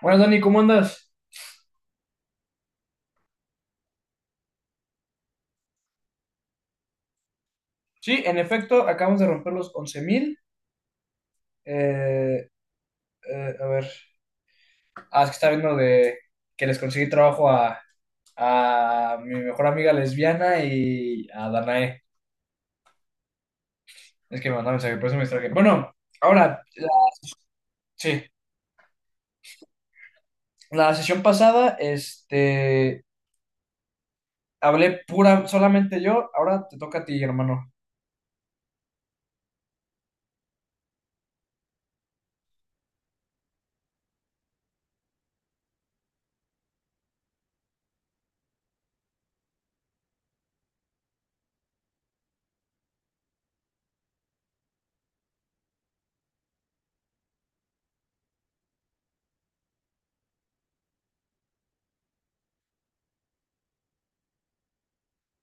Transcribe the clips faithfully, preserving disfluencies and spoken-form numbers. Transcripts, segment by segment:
Buenas, Dani, ¿cómo andas? Sí, en efecto, acabamos de romper los once mil. Eh, eh, a ver, ah, es que estaba viendo de que les conseguí trabajo a, a mi mejor amiga lesbiana y a Danae. Es que me mandó mensaje, por eso me distraje. Bueno, ahora, la- sí, la sesión pasada, este, hablé pura, solamente yo, ahora te toca a ti, hermano.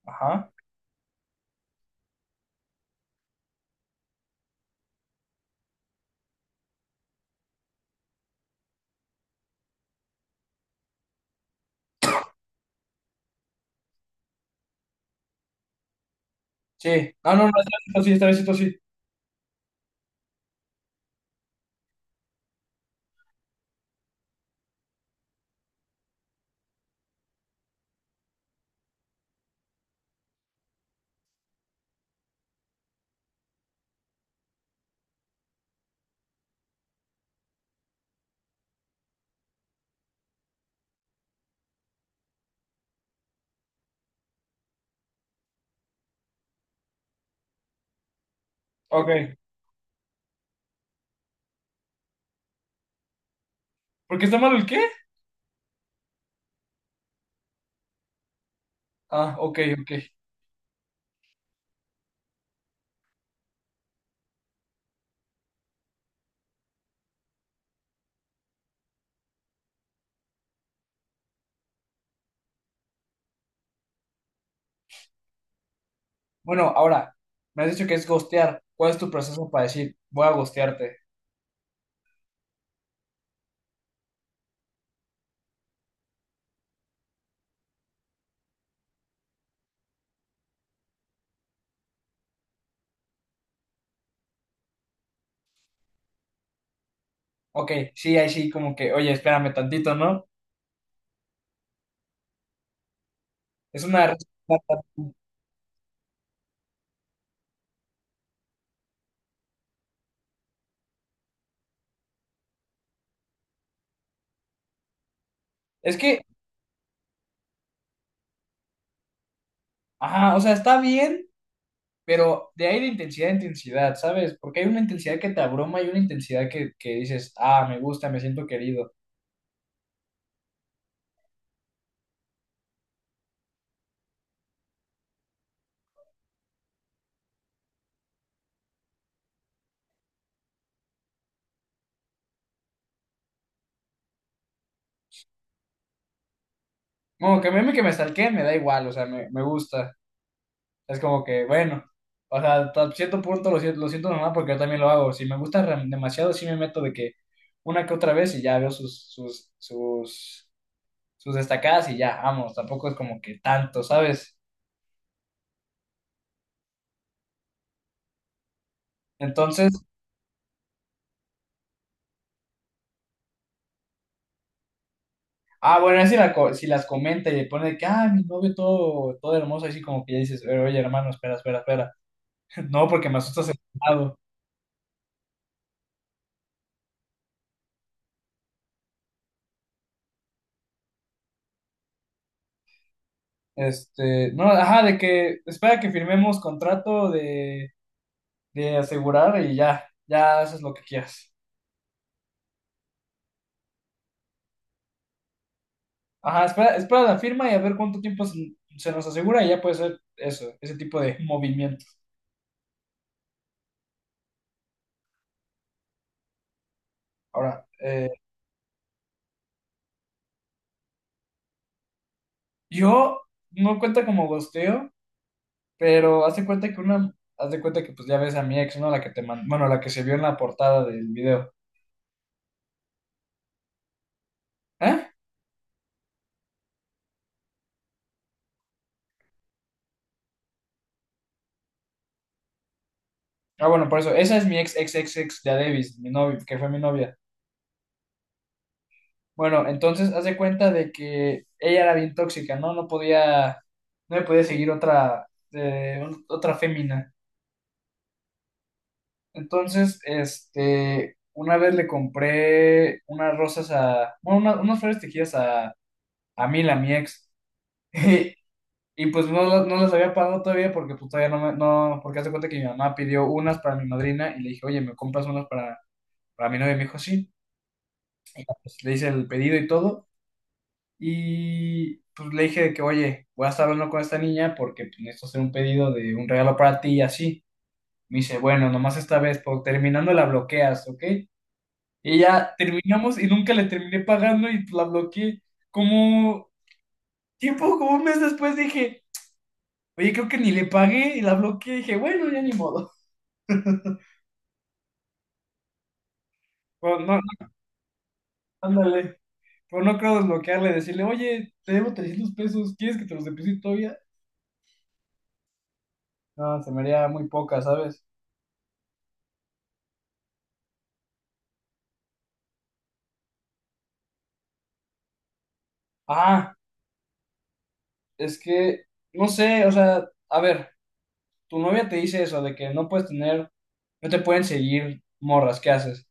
Ajá, sí. No, no, no, esta vez sí, esta vez sí, esta vez sí. Ok. ¿Por qué está malo el qué? Ah, ok, ok. Bueno, ahora, me has dicho que es ghostear. ¿Cuál es tu proceso para decir, voy a ghostearte? Ok, sí, ahí sí, como que, oye, espérame tantito, ¿no? Es una respuesta-. Es que, ajá, o sea, está bien, pero de ahí de intensidad a intensidad, ¿sabes? Porque hay una intensidad que te abruma y una intensidad que, que dices, ah, me gusta, me siento querido. Bueno, que a mí que me stalkeen, me da igual, o sea, me, me gusta. Es como que, bueno, o sea, hasta cierto punto lo siento, lo siento normal porque yo también lo hago. Si me gusta re- demasiado, sí me meto de que una que otra vez y ya veo sus, sus, sus, sus destacadas y ya, vamos, tampoco es como que tanto, ¿sabes? Entonces, ah, bueno, si, la co- si las comenta y le pone de que, ah, mi novio todo, todo hermoso, así como que ya dices, "Eh, oye, hermano, espera, espera, espera. No, porque me asustas el lado. Este, no, ajá, de que espera que firmemos contrato de, de asegurar y ya, ya haces lo que quieras. Ajá, espera, espera la firma y a ver cuánto tiempo se, se nos asegura y ya puede ser eso, ese tipo de movimiento. Ahora, eh, yo no cuenta como gosteo, pero haz de cuenta que una, haz de cuenta que pues ya ves a mi ex, ¿no? La que te mandó, bueno, la que se vio en la portada del video. ¿Eh? Ah, bueno, por eso, esa es mi ex, ex, ex, ex, ya Davis, mi novia, que fue mi novia. Bueno, entonces haz de cuenta de que ella era bien tóxica, ¿no? No podía, no me podía seguir otra, eh, un- otra fémina. Entonces, este, una vez le compré unas rosas a, bueno, una- unas flores tejidas a, a Mila, mi ex, y, y pues no, las- no las había pagado todavía porque pues todavía no me, no, porque hace cuenta que mi mamá pidió unas para mi madrina y le dije, oye, ¿me compras unas para, para mi novia? Y me dijo, sí, pues le hice el pedido y todo, y pues le dije de que, oye, voy a estar hablando con esta niña porque pues, necesito hacer un pedido de un regalo para ti y así. Me dice, bueno, nomás esta vez, por terminando la bloqueas, ¿ok? Y ya, terminamos y nunca le terminé pagando y la bloqueé. Como tiempo, como un mes después dije, oye, creo que ni le pagué y la bloqueé. Dije, bueno, ya ni modo. Pero no, no, ándale. Pero no creo desbloquearle, decirle, oye, te debo trescientos pesos, ¿quieres que te los deposite todavía? No, se me haría muy poca, ¿sabes? Ah, es que, no sé, o sea, a ver, tu novia te dice eso, de que no puedes tener, no te pueden seguir morras, ¿qué haces?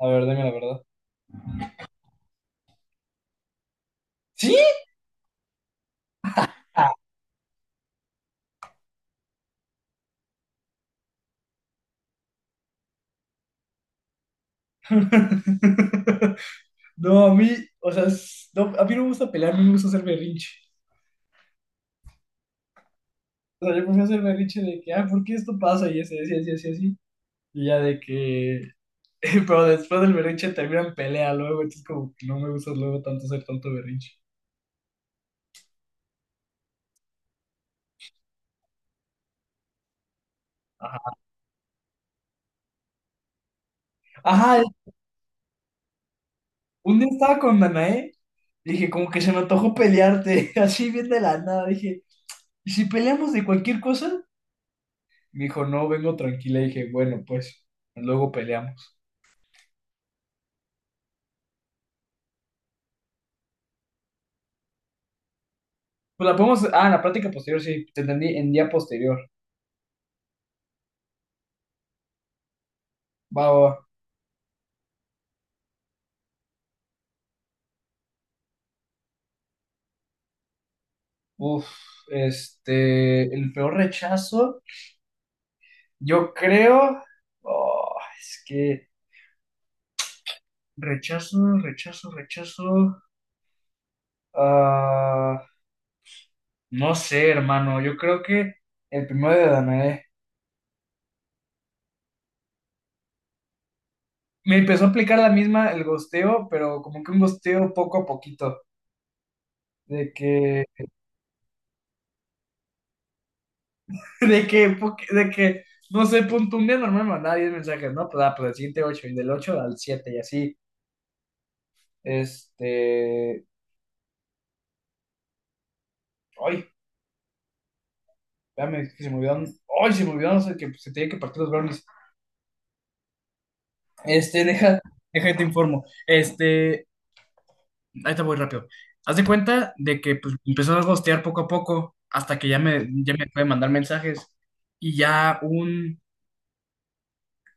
A ver, dime la verdad. ¿Sí? No, a mí, o sea, es- no, a mí no me gusta pelear, a mí me gusta hacer berrinche. O sea, yo prefiero hacer berrinche de que, ah, ¿por qué esto pasa? Y así, así, así, así, así. Y ya de que, pero después del berrinche terminan pelea luego, entonces como que no me gusta luego tanto hacer tanto berrinche. Ajá, un día estaba con Danae, y dije, como que se me antojó pelearte, así bien de la nada, dije, ¿y si peleamos de cualquier cosa? Me dijo, no, vengo tranquila, dije, bueno, pues, luego peleamos. Pues la podemos. Ah, en la práctica posterior, sí, te entendí, en día posterior. Va, va, va. Uf, este. El peor rechazo, yo creo. Oh, es que. Rechazo, rechazo, rechazo. Ah, no sé, hermano. Yo creo que el primero de Danae. Me empezó a aplicar la misma el gosteo, pero como que un gosteo poco a poquito. De que. De que. po- De que. No sé, punto un día normal mandaba diez mensajes, ¿no? Pues, ah, pues del siguiente ocho y del ocho al siete y así. Este. Ay, espérame, que se me olvidaron. Ay, se me olvidaron, o sea, que se tenía que partir los brownies. Este, deja, deja, que te informo. Este, ahí te voy rápido. Haz de cuenta de que pues, empezó a gostear poco a poco, hasta que ya me, ya me puede mandar mensajes. Y ya un,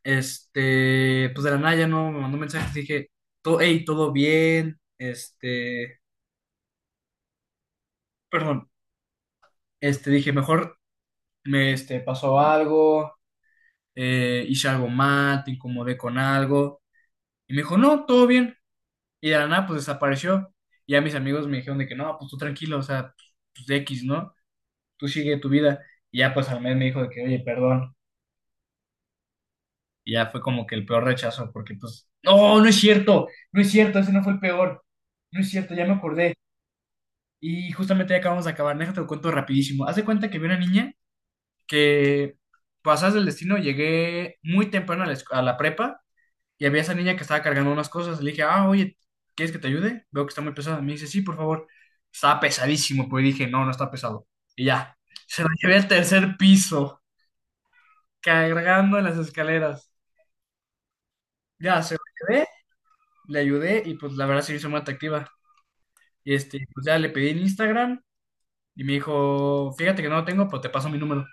este, pues de la nada ya no me mandó mensajes. Dije, todo, hey, todo bien. Este, perdón, este, dije, mejor me este, pasó algo, eh, hice algo mal, te incomodé con algo. Y me dijo, no, todo bien. Y de la nada, pues desapareció. Y ya mis amigos me dijeron de que no, pues tú tranquilo, o sea, pues de X, ¿no? Tú sigue tu vida. Y ya, pues al mes me dijo de que, oye, perdón. Y ya fue como que el peor rechazo, porque pues, no, no es cierto, no es cierto, ese no fue el peor. No es cierto, ya me acordé. Y justamente ya acabamos de acabar, déjate lo cuento rapidísimo. Haz de cuenta que vi una niña que, pasas del destino, llegué muy temprano a la, esc- a la prepa. Y había esa niña que estaba cargando unas cosas. Le dije, ah, oye, ¿quieres que te ayude? Veo que está muy pesada. Me dice, sí, por favor. Estaba pesadísimo, pues dije, no, no está pesado. Y ya, se lo llevé al tercer piso, cargando en las escaleras. Ya, se lo llevé, le ayudé y pues la verdad se hizo muy atractiva. Y este, pues ya le pedí en Instagram y me dijo, fíjate que no lo tengo, pues te paso mi número.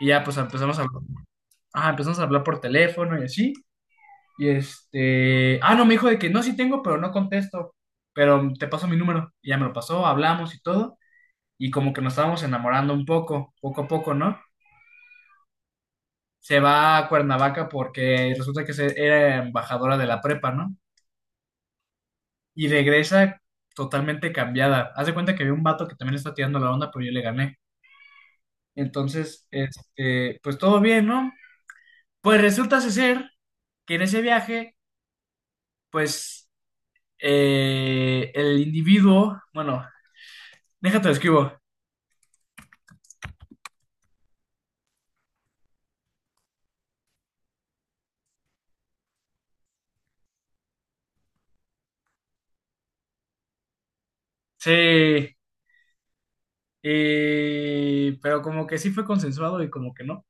Y ya, pues empezamos a, hablar. Ajá, empezamos a hablar por teléfono y así. Y este, ah, no, me dijo de que no, sí tengo, pero no contesto, pero te paso mi número. Y ya me lo pasó, hablamos y todo, y como que nos estábamos enamorando un poco, poco a poco, ¿no? Se va a Cuernavaca porque resulta que se- era embajadora de la prepa, ¿no? Y regresa totalmente cambiada. Haz de cuenta que había un vato que también está tirando la onda, pero yo le gané. Entonces, este, pues todo bien, ¿no? Pues resulta ser que en ese viaje, pues eh, el individuo, bueno, déjate lo escribo. Sí, y- pero como que sí fue consensuado y como que no.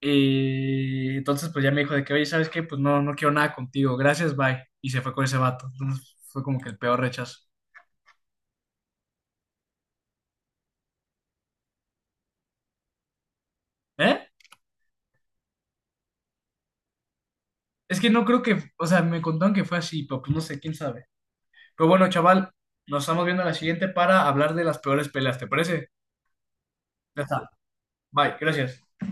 Y entonces pues ya me dijo de que, oye, ¿sabes qué? Pues no, no quiero nada contigo, gracias, bye. Y se fue con ese vato. Entonces fue como que el peor rechazo. ¿Eh? Es que no creo que, o sea, me contaron que fue así, pero pues no sé, quién sabe. Pero bueno, chaval, nos estamos viendo a la siguiente para hablar de las peores peleas, ¿te parece? Ya está, bye, gracias.